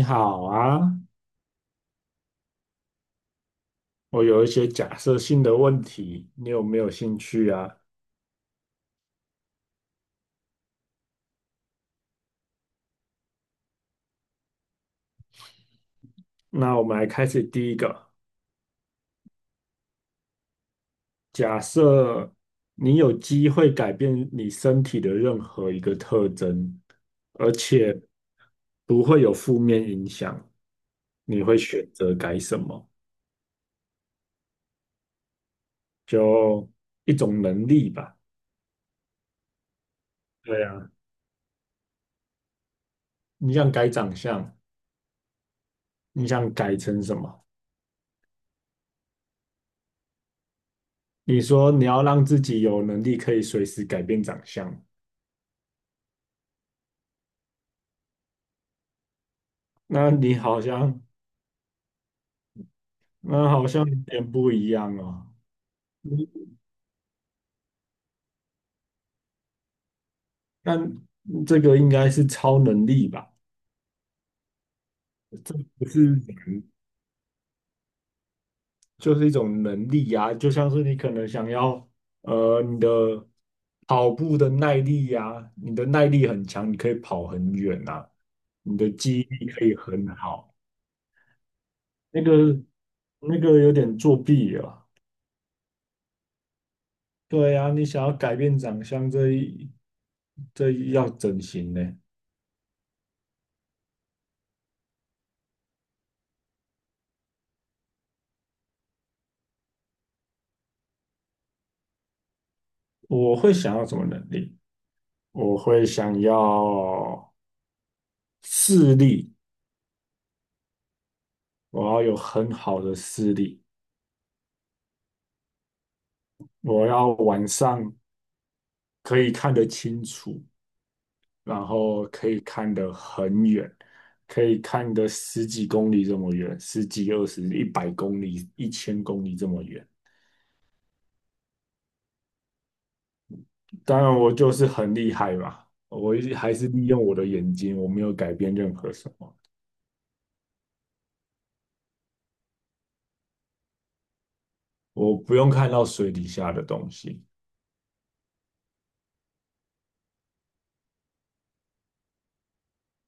你好啊，我有一些假设性的问题，你有没有兴趣啊？那我们来开始第一个，假设你有机会改变你身体的任何一个特征，而且不会有负面影响，你会选择改什么？就一种能力吧。对啊，你想改长相，你想改成什么？你说你要让自己有能力可以随时改变长相。那你好像，那好像有点不一样哦。你那这个应该是超能力吧？这不是人，就是一种能力呀、就像是你可能想要，你的跑步的耐力呀、你的耐力很强，你可以跑很远呐。你的记忆力可以很好。那个那个有点作弊了。对呀、你想要改变长相，这一要整形呢？我会想要什么能力？我会想要视力，我要有很好的视力，我要晚上可以看得清楚，然后可以看得很远，可以看得十几公里这么远，十几、20、100公里、1000公里这么远。当然，我就是很厉害嘛，我还是利用我的眼睛，我没有改变任何什么，我不用看到水底下的东西。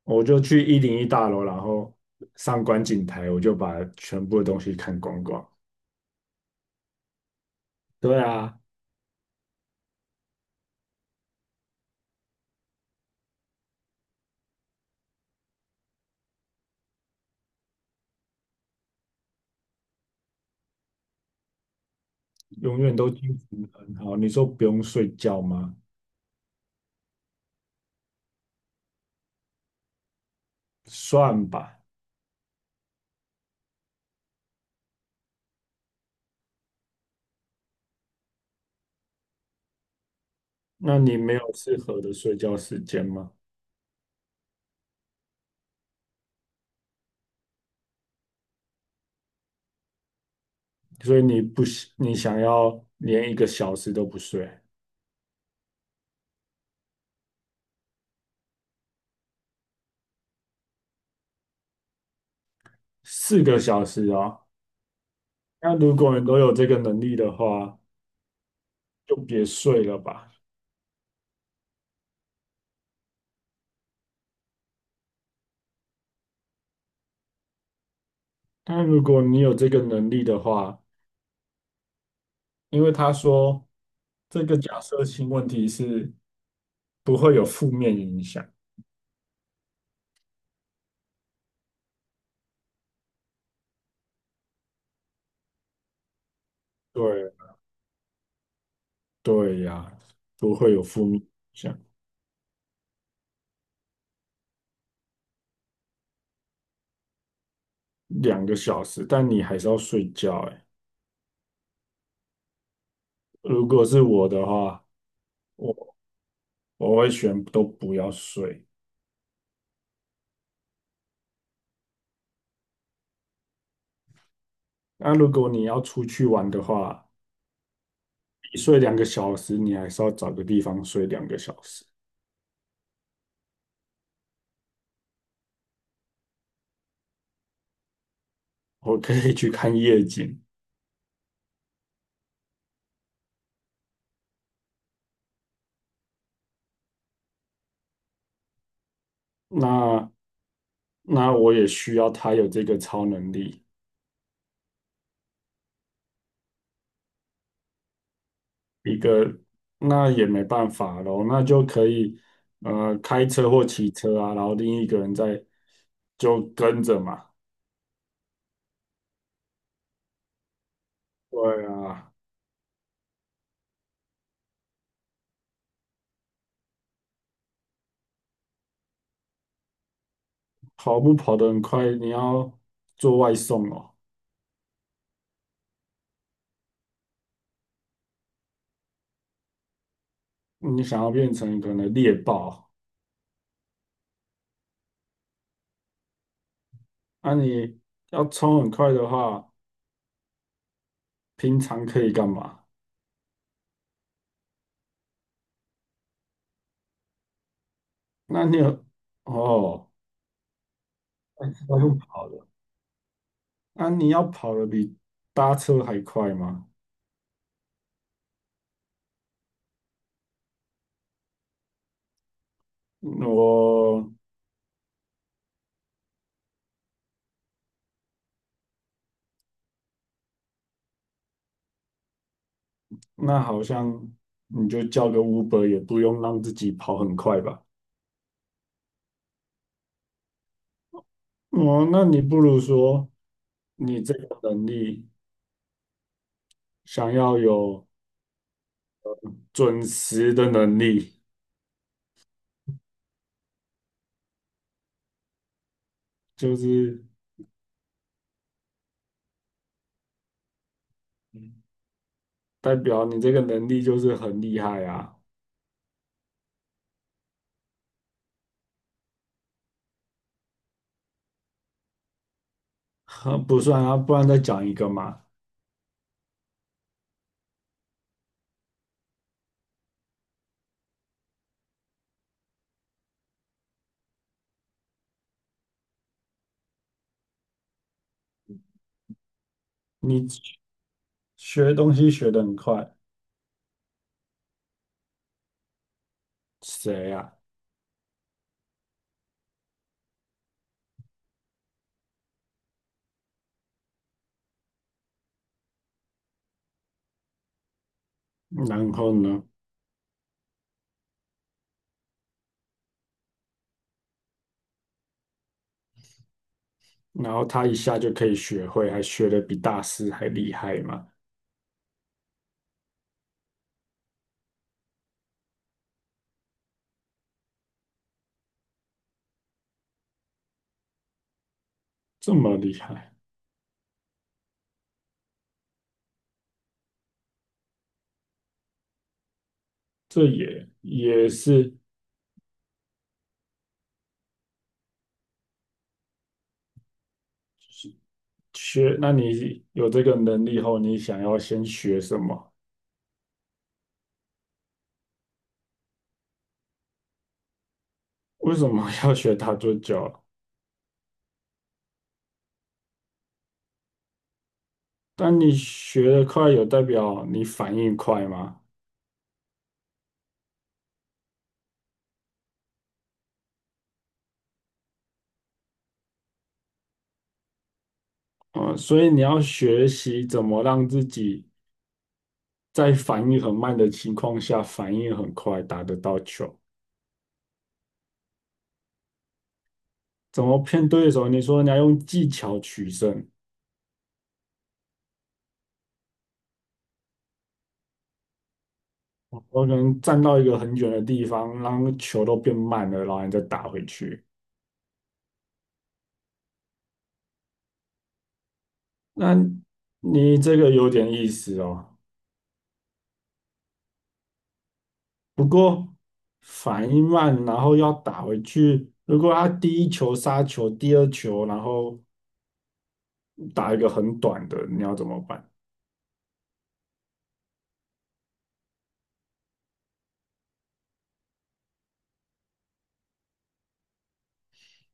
我就去101大楼，然后上观景台，我就把全部的东西看光光。对啊，永远都精神很好。你说不用睡觉吗？算吧。那你没有适合的睡觉时间吗？所以你不喜，你想要连一个小时都不睡，4个小时哦。那如果你都有这个能力的话，就别睡了吧。但如果你有这个能力的话，因为他说这个假设性问题是。不会有负面影响。对，对呀，不会有负面影响。两个小时，但你还是要睡觉哎。如果是我的话，我我会选都不要睡。那如果你要出去玩的话，你睡两个小时，你还是要找个地方睡两个小时。我可以去看夜景。那那我也需要他有这个超能力。一个，那也没办法咯，那就可以开车或骑车啊，然后另一个人在就跟着嘛。对啊，跑步跑得很快，你要做外送哦。你想要变成可能猎豹，那、你要冲很快的话，平常可以干嘛？那你有哦，要用跑的。那、你要跑得比搭车还快吗？我好像你就叫个 Uber 也不用让自己跑很快吧？哦，那你不如说你这个能力想要有准时的能力，就是嗯代表你这个能力就是很厉害啊。呵不算啊，不然再讲一个嘛。你学东西学得很快，谁呀、然后呢？然后他一下就可以学会，还学得比大师还厉害嘛？这么厉害。这也是学。那你有这个能力后，你想要先学什么？为什么要学打桌球？但你学得快，有代表你反应快吗？嗯，所以你要学习怎么让自己在反应很慢的情况下，反应很快，打得到球。怎么骗对手？你说你要用技巧取胜，我可能站到一个很远的地方，让球都变慢了，然后你再打回去。那你这个有点意思哦。不过反应慢，然后要打回去。如果他第一球杀球，第二球然后打一个很短的，你要怎么办？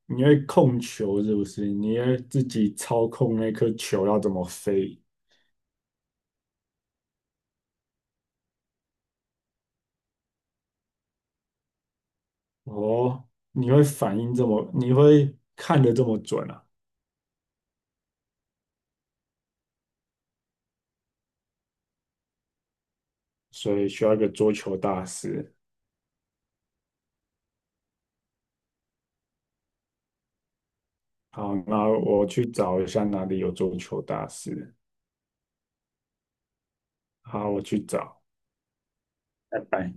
你会控球是不是？你会自己操控那颗球要怎么飞？哦，你会反应这么，你会看得这么准啊？所以需要一个桌球大师。好，那我去找一下哪里有桌球大师。好，我去找，拜拜。